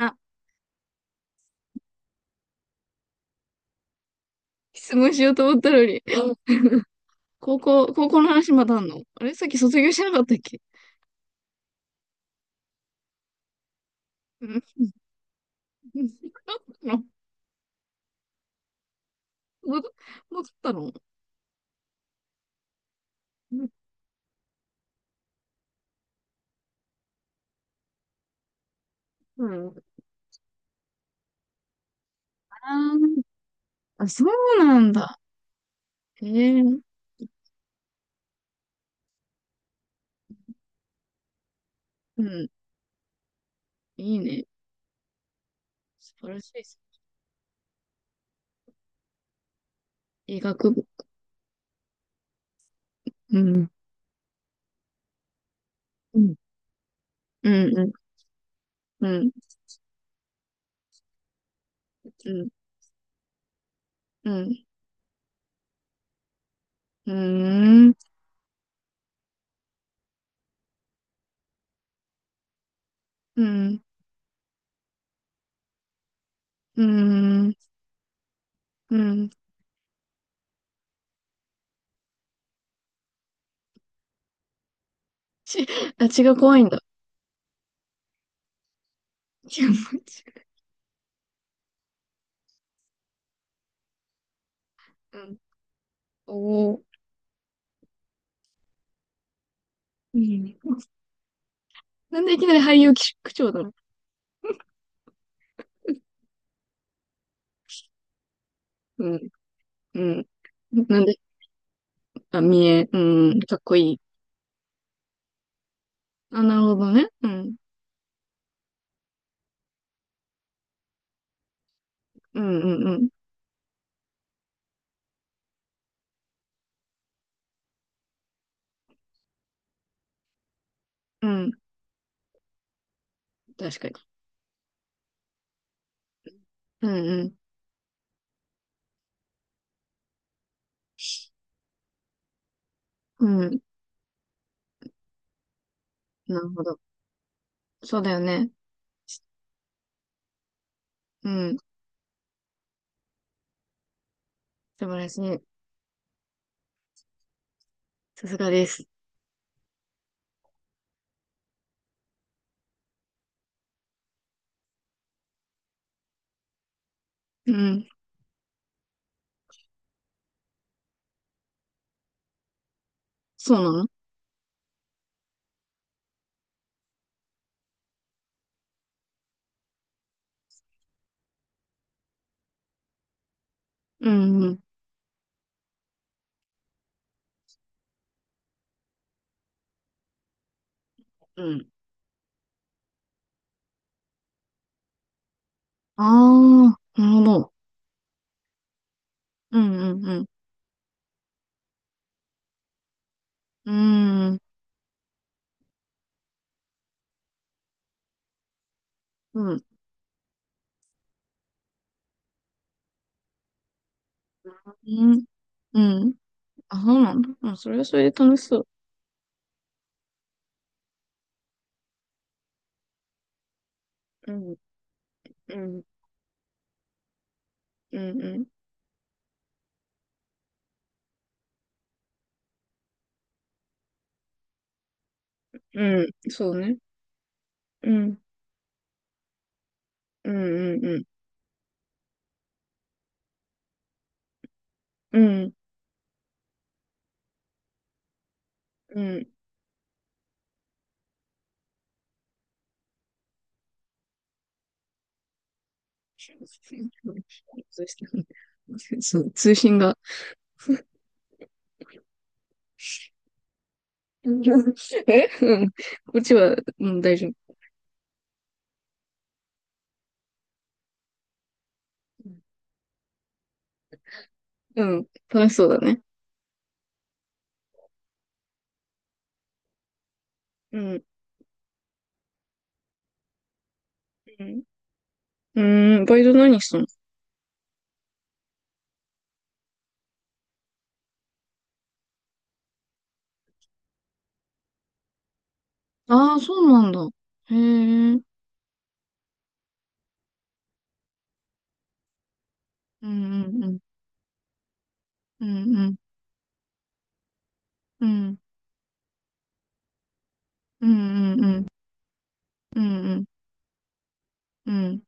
あ、質問しようと思ったのに。高校の話まだあんの？あれさっき卒業してなかったっけ？うん。戻戻ったの？うん。あー、あ、そうなんだ。へえ。うん。いいね。素晴らしいです。医学部。うん。うん。うん。うん。うん。うん。うん。うん。うん。うん。ち、あ、血が怖いんだ。違う。うん。おお。いいね。なんでいきなり俳優区長だろう。うん、うん。なんで、あ、見え、うん、かっこいい。あ、なるほどね。うん、うん、うん、うん。うん、確かに。うん、うん、うん。なるほど。そうだよね。うん、素晴らしい。さすがです。うん、そうなの？うん、うん、うん。ああ、なるほど。うん、うん、うん。うん、うん、うん、うん。あ、そうなんだ。うん、それはそれで楽しそう。うん、うん、うん、うん。うん、そうね。うん。うんうんうん。うんうん。通信そう、通信が。え、うん。こっちは、うん、大丈夫。うん。楽しそうだね。うん。うん。うーん、バイト何したの？ああー、そうなんだ。へえ。うんうんうん。うんうん。うんうんうんうん。うんうんうん。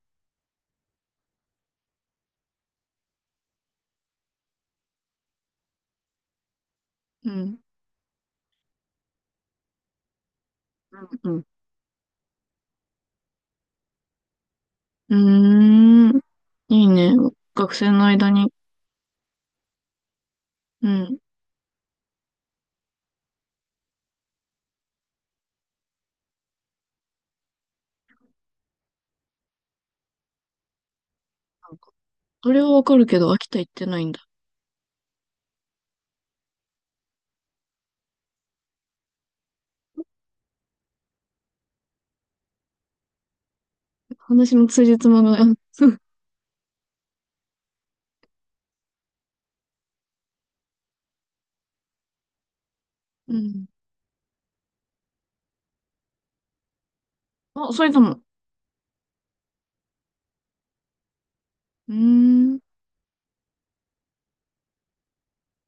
うんうん。うーん。いいね。学生の間に。うん。あれはわかるけど、秋田行ってないんだ。話の通じつまがない。うん。あ、そ玉。も。うーん。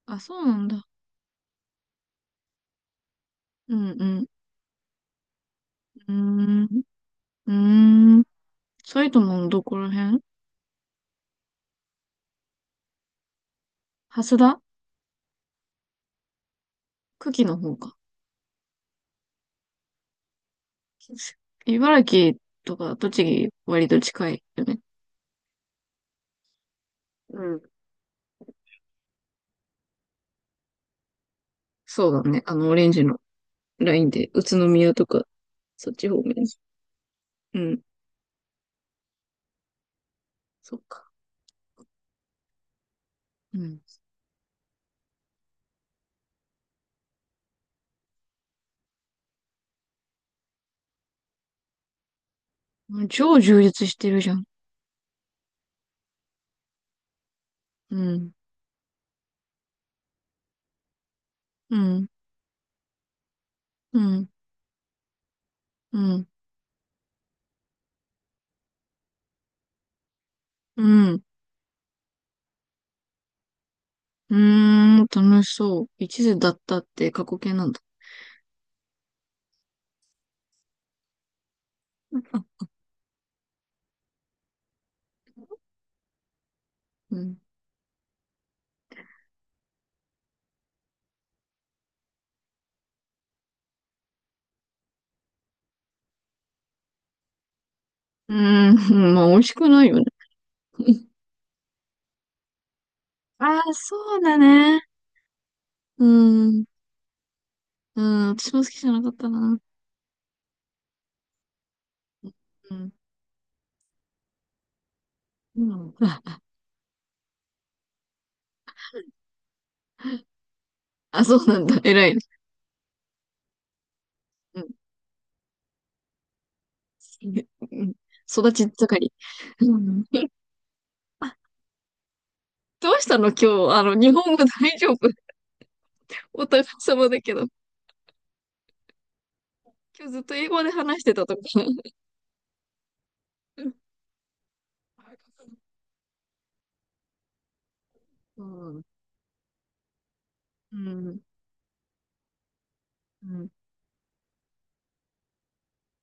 あ、そうなんだ。うん、うん、うーん、うーん。埼玉のどこら辺？蓮田？久喜の方か。茨城とか栃木割と近いよね。うん。そうだね。あの、オレンジのラインで、宇都宮とか、そっち方面。うん。そっか。うん。超充実してるじゃん。うん。うん。うん。うん。うん。うーん、楽しそう。一途だったって過去形なんだ？うん。うーん、まあ、美味しくないよね。ああ、そうだね。うーん、うん、私も好きじゃなかったな。うん、うん。あ、あ、そうなんだ。偉いね。うん。うん、育ち盛り。うん。あ、どうしたの今日？あの、日本語大丈夫？お互い様だけど。今日ずっと英語で話してたとか。うんうん。うん。うん。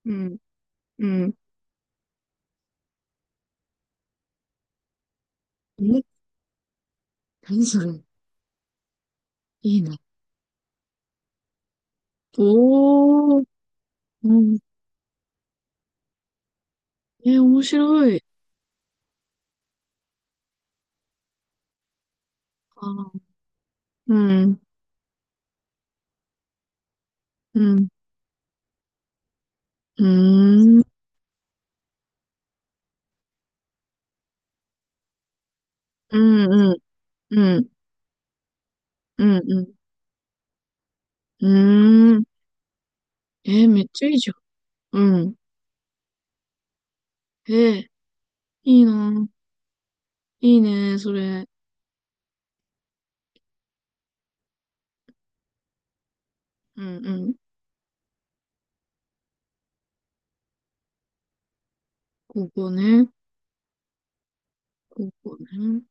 うん。うん。え、何それ？いいな。おー、うん、え、面白い。あー、うん、うん、うーん、うん、うん、うん、うん、うん、うーん。え、めっちゃいいじゃん。うん。え、いいな。いいね、それ。うん、うん。高校ね。高校ね。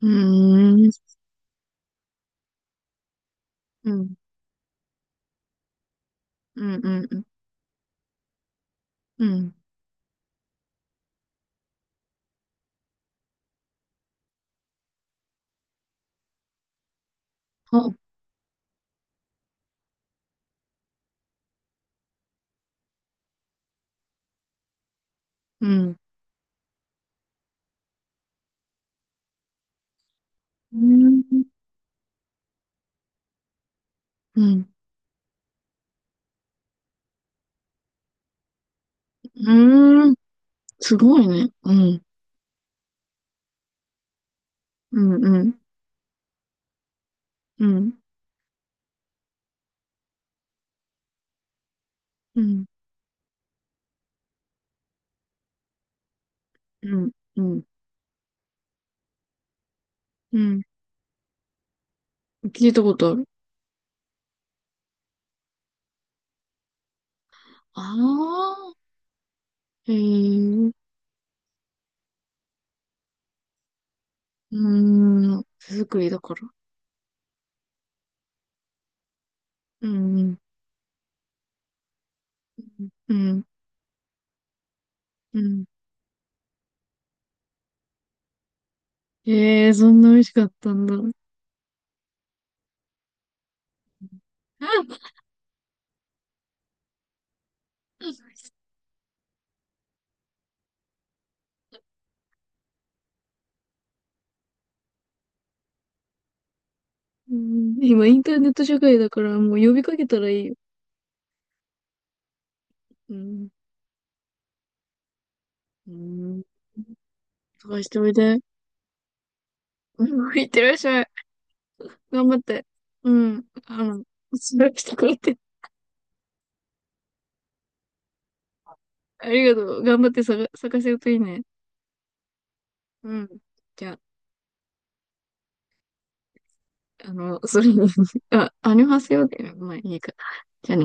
うーん、うん、うん、うん、うん。うん、あ、うん、うーん、うん、うーん。すごいね。うん、うん、うん、うん、うん、うん、うん。聞いたことある。ああ、へえ、うーん、手作りだから。うん、うん、うん。ええー、そんな美味しかったんだ。うん、今、インターネット社会だから、もう呼びかけたらいいよ。うん、うん、探しておいで。うん、いってらっしゃい。頑張って。うん、あの、探してくれて。ありがとう。頑張って探せるといいね。うん。じゃあ、あの、それに、あ、アニョハセヨで、まあいいか。じゃあね。